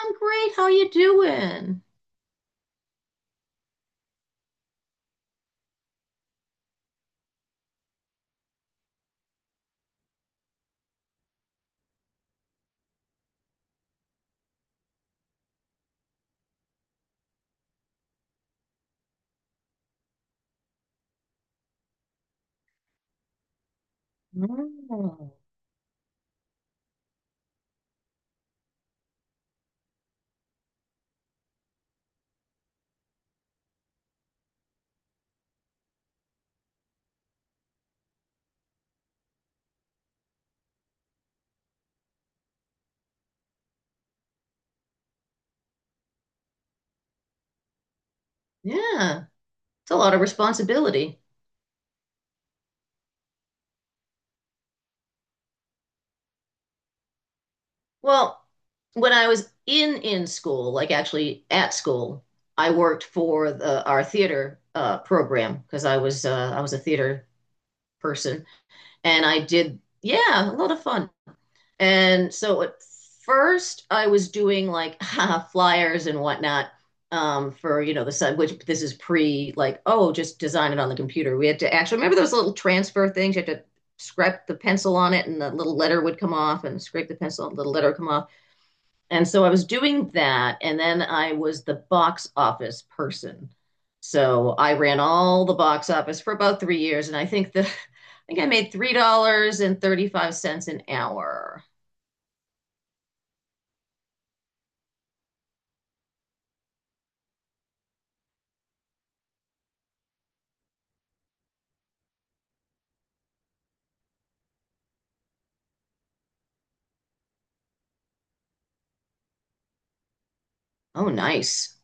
I'm great. How you doing? Oh. Yeah, it's a lot of responsibility. Well, when I was in school, like actually at school, I worked for our theater program because I was a theater person, and I did, yeah, a lot of fun. And so at first, I was doing like flyers and whatnot, for the site, which this is pre like, oh, just design it on the computer. We had to actually remember those little transfer things. You had to scrape the pencil on it, and the little letter would come off, and scrape the pencil, the little letter would come off. And so I was doing that, and then I was the box office person. So I ran all the box office for about 3 years, and I think the I think I made $3 and 35 cents an hour. Oh, nice.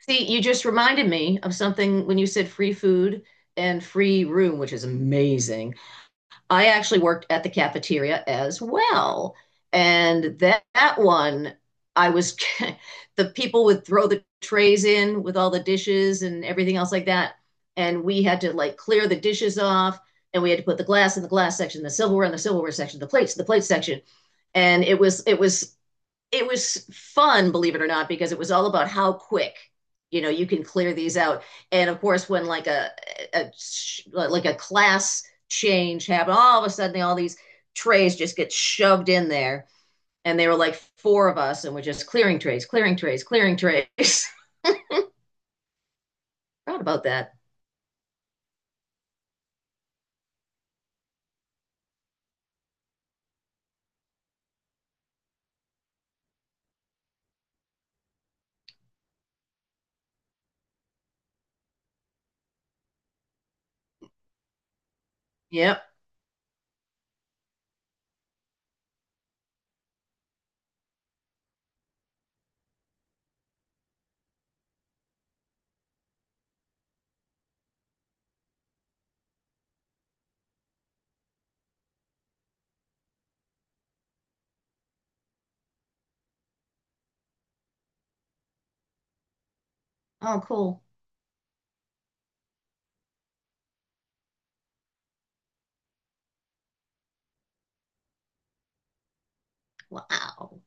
See, you just reminded me of something when you said free food and free room, which is amazing. I actually worked at the cafeteria as well. And that one, I was, the people would throw the trays in with all the dishes and everything else like that. And we had to like clear the dishes off, and we had to put the glass in the glass section, the silverware in the silverware section, the plates in the plate section. And it was it was fun, believe it or not, because it was all about how quick you know you can clear these out. And of course, when a like a class change happened, all of a sudden all these trays just get shoved in there, and they were like four of us, and we're just clearing trays, clearing trays, clearing trays. Proud about that. Yep. Oh, cool. Wow,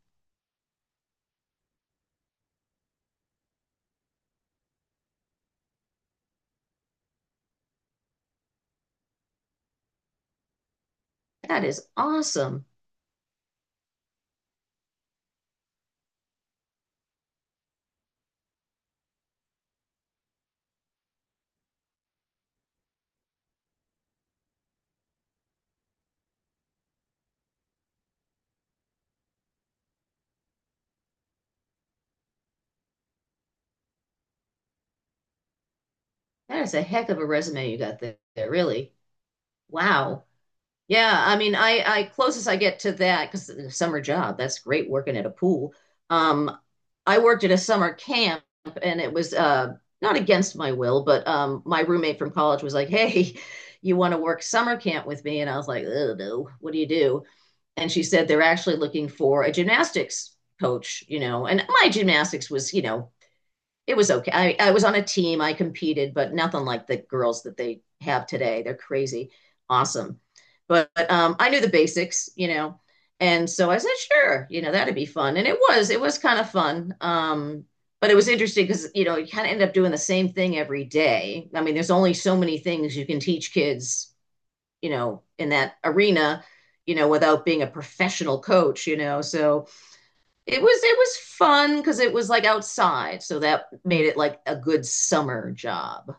that is awesome. That is a heck of a resume you got there, really. Wow. Yeah, I mean, I closest I get to that because summer job, that's great working at a pool. Um, I worked at a summer camp, and it was not against my will, but my roommate from college was like, "Hey, you want to work summer camp with me?" And I was like, "Oh no, what do you do?" And she said they're actually looking for a gymnastics coach, you know. And my gymnastics was, you know, it was okay. I was on a team. I competed, but nothing like the girls that they have today. They're crazy, awesome. But I knew the basics, you know, and so I said, sure, you know, that'd be fun. And it was kind of fun. But it was interesting because you know you kind of end up doing the same thing every day. I mean, there's only so many things you can teach kids, you know, in that arena, you know, without being a professional coach, you know. So it was fun because it was like outside, so that made it like a good summer job.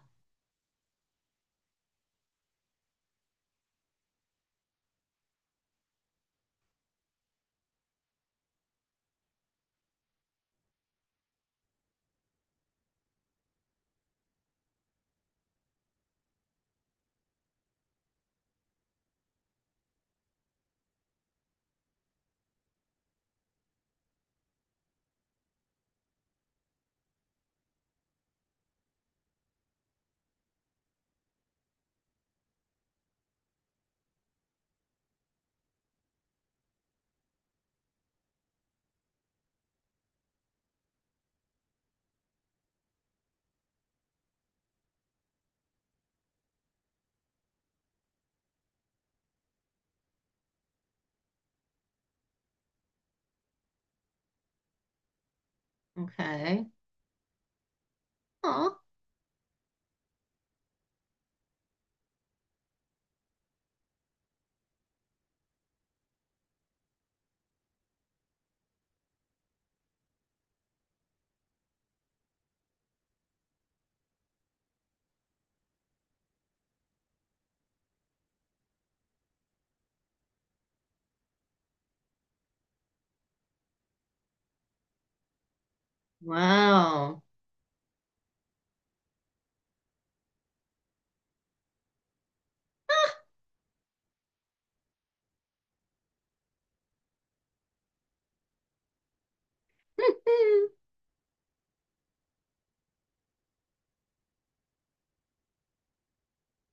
Okay. Oh, wow. I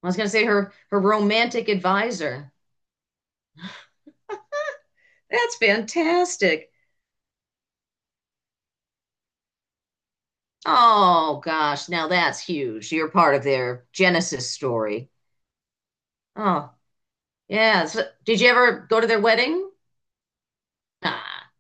was gonna say her romantic advisor. That's fantastic. Oh gosh, now that's huge. You're part of their Genesis story. Oh, yeah. So, did you ever go to their wedding? Nah.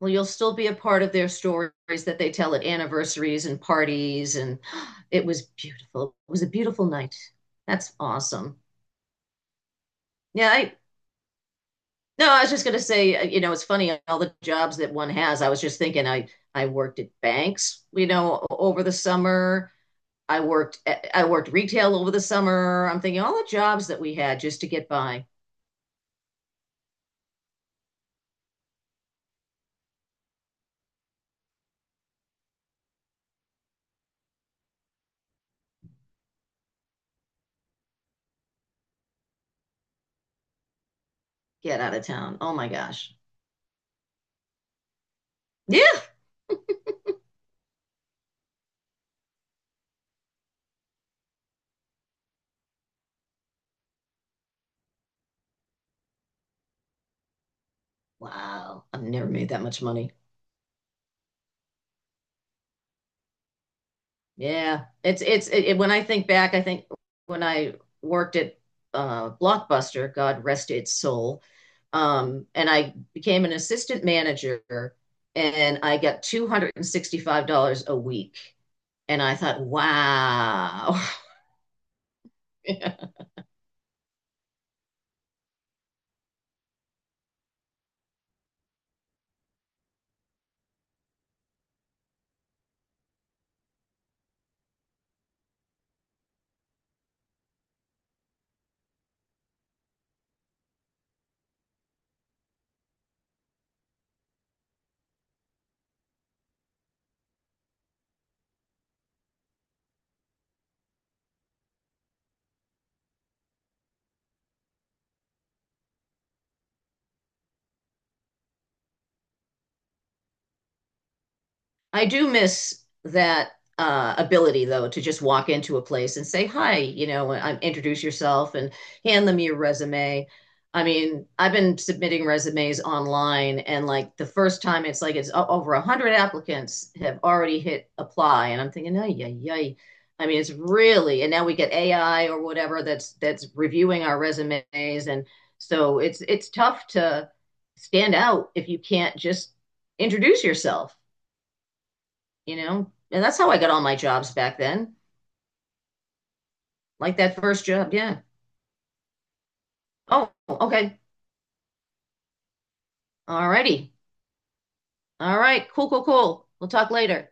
Well, you'll still be a part of their stories that they tell at anniversaries and parties. And it was beautiful. It was a beautiful night. That's awesome. Yeah, I— no, I was just gonna say, you know, it's funny all the jobs that one has. I was just thinking, I worked at banks, you know, over the summer. I worked retail over the summer. I'm thinking all the jobs that we had just to get by, get out of town. Oh my gosh. Yeah. Wow. I've never made that much money. Yeah, when I think back, I think when I worked at Blockbuster, God rest its soul, and I became an assistant manager, and I got $265 a week, and I thought, wow. I do miss that ability, though, to just walk into a place and say hi, you know, and introduce yourself and hand them your resume. I mean, I've been submitting resumes online, and like the first time, it's like over 100 applicants have already hit apply, and I'm thinking, ay, ay, ay. I mean, it's really, and now we get AI or whatever that's reviewing our resumes, and so it's tough to stand out if you can't just introduce yourself, you know? And that's how I got all my jobs back then. Like that first job. Yeah. Oh, okay. All righty. All right. Cool, cool, cool. We'll talk later.